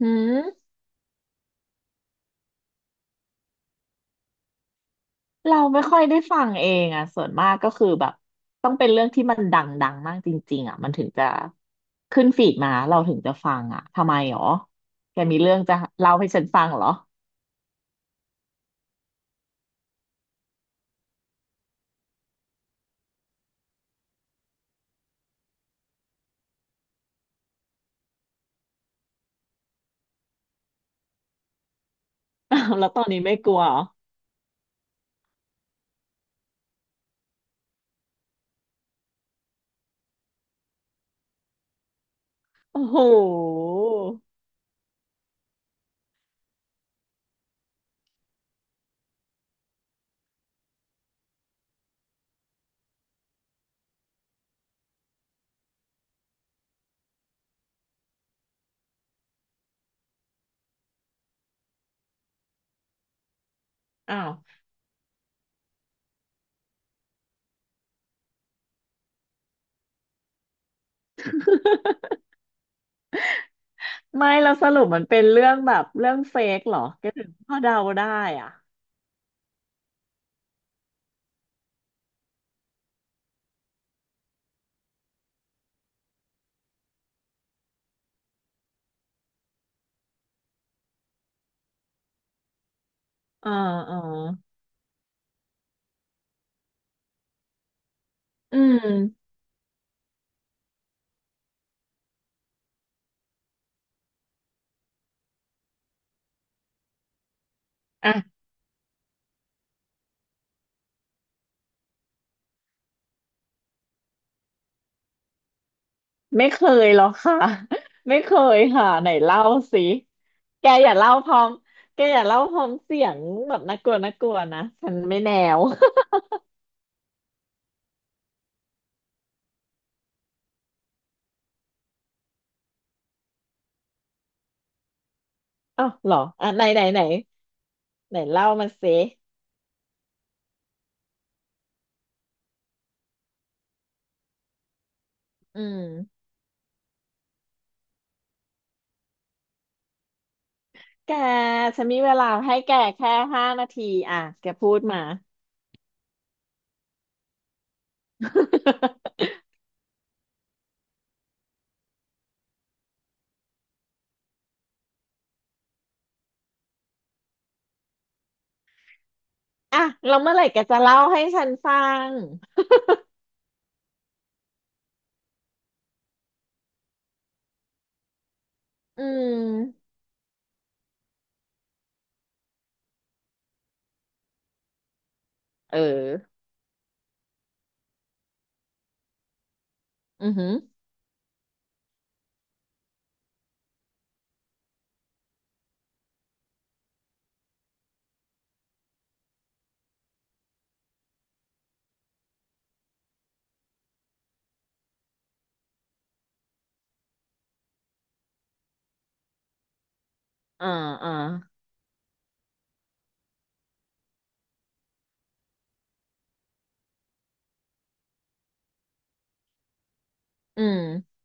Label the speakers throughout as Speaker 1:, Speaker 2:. Speaker 1: หืมเราไม่ค่อยได้ฟังเองอ่ะส่วนมากก็คือแบบต้องเป็นเรื่องที่มันดังๆมากจริงๆอ่ะมันถึงจะขึ้นฟีดมาเราถึงจะฟังอ่ะทำไมหรอแกมีเรื่องจะเล่าให้ฉันฟังเหรออ้าว แล้วตอนนี้ไม่กลัวเหรอโอ้โหอ้าว ไม่เราสรุปมันเป็นเรื่องแบบเรื่องเฟกเหรอแกถึงพอเดาได้อ่ะอ่าอ่าอืมอ่ะ ไม่เคยหรอกค่ะ ไม่เคยค่ะไหนเล่าสิแกอย่าเล่าพร้อมแกอย่าเล่าพร้อมเสียงแบบน่ากลัวน่ากลัวนะฉันไม่แนว อ้าวเหรออ่ะไหนไหนไหนไหนเล่ามาสิอืมแกฉันมีเวลาให้แกแค่5 นาทีอ่ะแกพูดมา อ่ะแล้วเมื่อไหร่แกจะเล่าให้ฉันฟังอืมเอออือหืออ่าอ่าอืม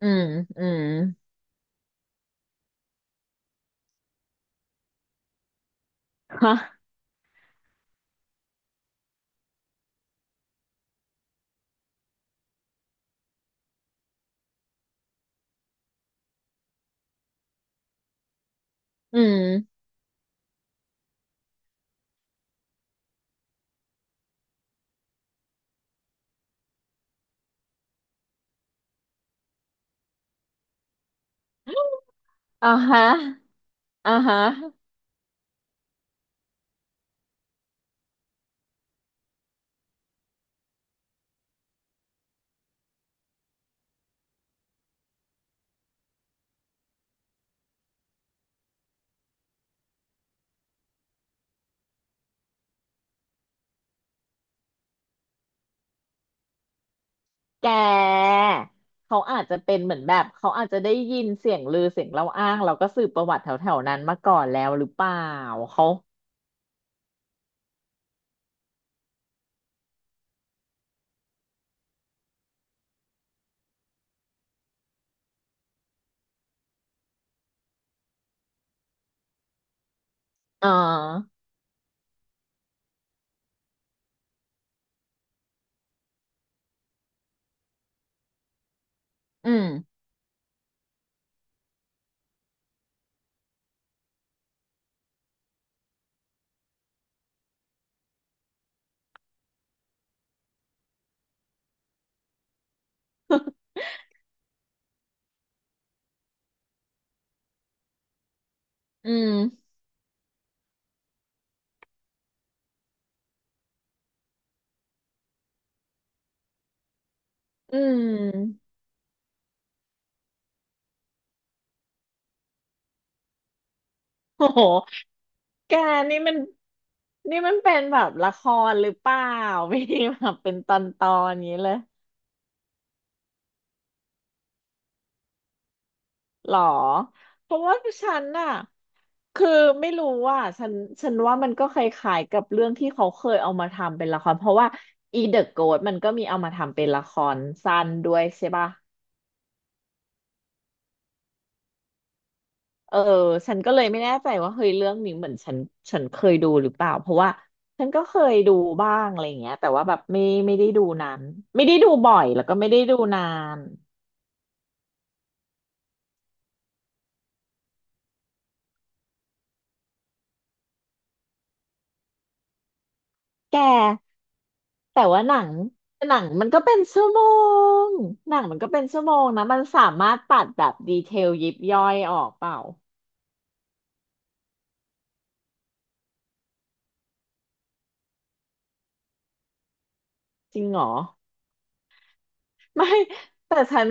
Speaker 1: อืมอืมฮะอืมอ่าฮะ อ่าฮะแกเขาอาจจะเป็นเหมือนแบบเขาอาจจะได้ยินเสียงลือเสียงเล่าอ้างเราก็สืบประวัติแถวๆนั้นมาก่อนแล้วหรือเปล่าเขาอ่าอืมอืมอืม โอ้โหแกนี่มันเป็นแบบละครหรือเปล่า ไม่ได้แบบเป็นตอนๆอย่างนี้เลย หรอเพราะว่าฉันน่ะคือไม่รู้ว่าฉันว่ามันก็คล้ายๆกับเรื่องที่เขาเคยเอามาทำเป็นละครเพราะว่าอีเดอะโกสมันก็มีเอามาทำเป็นละครสั้นด้วยใช่ป่ะเออฉันก็เลยไม่แน่ใจว่าเฮ้ยเรื่องนี้เหมือนฉันเคยดูหรือเปล่าเพราะว่าฉันก็เคยดูบ้างอะไรอย่างเงี้ยแต่ว่าแบบไม่ได้ดูนานไม่ได้ดูบ่อยแล้วก็ไม่ได้ดูนานแก แต่ว่าหนังมันก็เป็นชั่วโมงหนังมันก็เป็นชั่วโมงนะมันสามารถตัดแบบดีเทลยิบย่อยออกเปล่าจริงเหรอไม่แต่ฉัน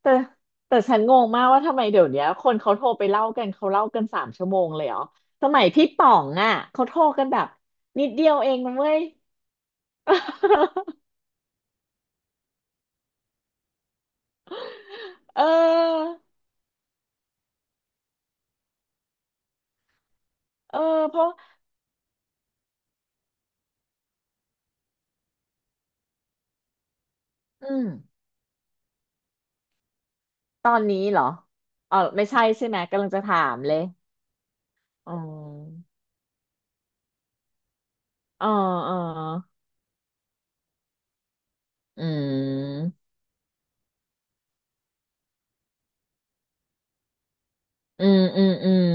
Speaker 1: แต่แต่ฉันงงมากว่าทำไมเดี๋ยวเนี้ยคนเขาโทรไปเล่ากันเขาเล่ากัน3 ชั่วโมงเลยเหรอสมัยพี่ป๋องอ่ะเขาโทรกันแบบนิดเดียวเองนะเว้ย เออเออเพราะอืมตอนนี้เหรออ๋อไม่ใช่ใช่ไหมกำลังจะถามเลยอ๋ออ๋ออ๋อ อืมอืมอืมอืม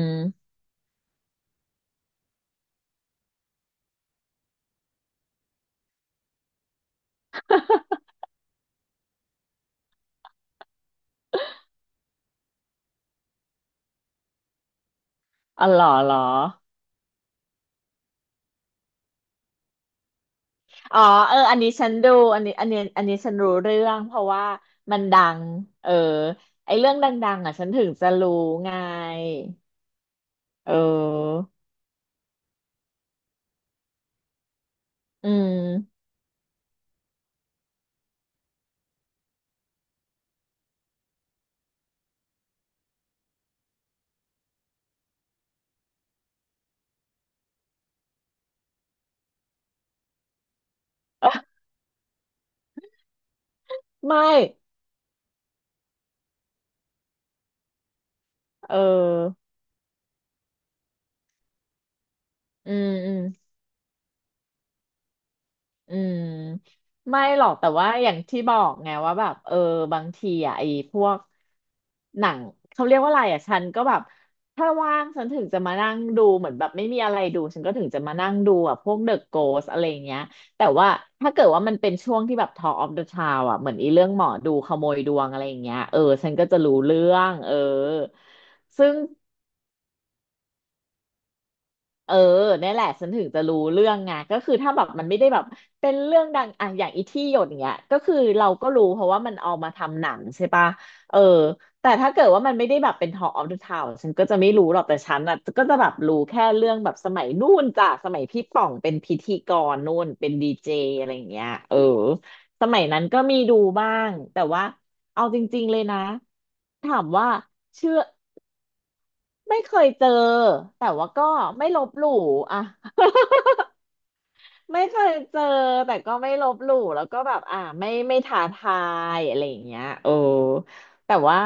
Speaker 1: อ๋อเหรอเหรออ๋อเอออันนี้ฉันดูอันนี้ฉันรู้เรื่องเพราะว่ามันดังเออไอเรื่องดังๆอ่ะฉันถึงจะรู้ไงเอออืมไม่เอออืมอืม อืมไม่หรอกแต่ว่าอย่างที่บอกไงว่าแบบเออบางทีอ่ะไอ้พวกหนังเขาเรียกว่าอะไรอ่ะฉันก็แบบถ้าว่างฉันถึงจะมานั่งดูเหมือนแบบไม่มีอะไรดูฉันก็ถึงจะมานั่งดูอ่ะพวก The Ghost อะไรเงี้ยแต่ว่าถ้าเกิดว่ามันเป็นช่วงที่แบบ Talk of the Town อ่ะเหมือนอีเรื่องหมอดูขโมยดวงอะไรอย่างเงี้ยเออฉันก็จะรู้เรื่องเออซึ่ง เออเนี่ยแหละฉันถึงจะรู้เรื่องไงก็คือถ้าแบบมันไม่ได้แบบเป็นเรื่องดังอ่ะอย่างอีที่หยดเนี้ยก็คือเราก็รู้เพราะว่ามันเอามาทำหนังใช่ปะเออแต่ถ้าเกิดว่ามันไม่ได้แบบเป็น Talk of the Town ฉันก็จะไม่รู้หรอกแต่ฉันอ่ะก็จะแบบรู้แค่เรื่องแบบสมัยนู่นจ้ะสมัยพี่ป่องเป็นพิธีกรนู่นเป็นดีเจอะไรอย่างเงี้ยเออสมัยนั้นก็มีดูบ้างแต่ว่าเอาจริงๆเลยนะถามว่าเชื่อ ไม่เคยเจอแต่ว่าก็ไม่ลบหลู่อะ ไม่เคยเจอแต่ก็ไม่ลบหลู่แล้วก็แบบอ่าไม่ท้าทายอะไรอย่างเงี้ยโอ้แต่ว่า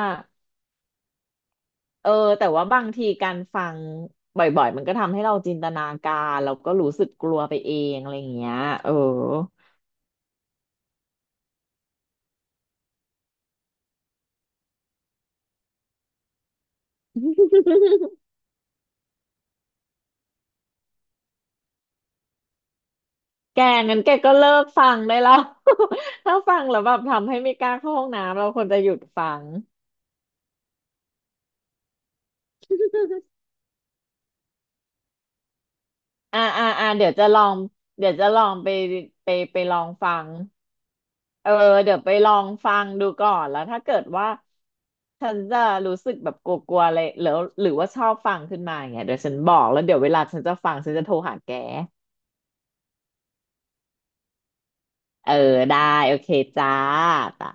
Speaker 1: เออแต่ว่าบางทีการฟังบ่อยๆมันก็ทำให้เราจินตนาการแล้วก็รู้สึกกลัวไปเองอะไรอย่างเงี้ยเออ แกงั้นแกก็เลิกฟังได้แล้ว ถ้าฟังแล้วแบบทำให้ไม่กล้าเข้าห้องน้ำเราควรจะหยุดฟัง อ่าอ่าอ่าเดี๋ยวจะลองเดี๋ยวจะลองไปไปลองฟังเออเดี๋ยวไปลองฟังดูก่อนแล้วถ้าเกิดว่าฉันจะรู้สึกแบบกลัวๆอะไรหรือว่าชอบฟังขึ้นมาอย่างเงี้ยเดี๋ยวฉันบอกแล้วเดี๋ยวเวลาฉันจะฟังฉันจะโทรหาแกเออได้โอเคจ้าตา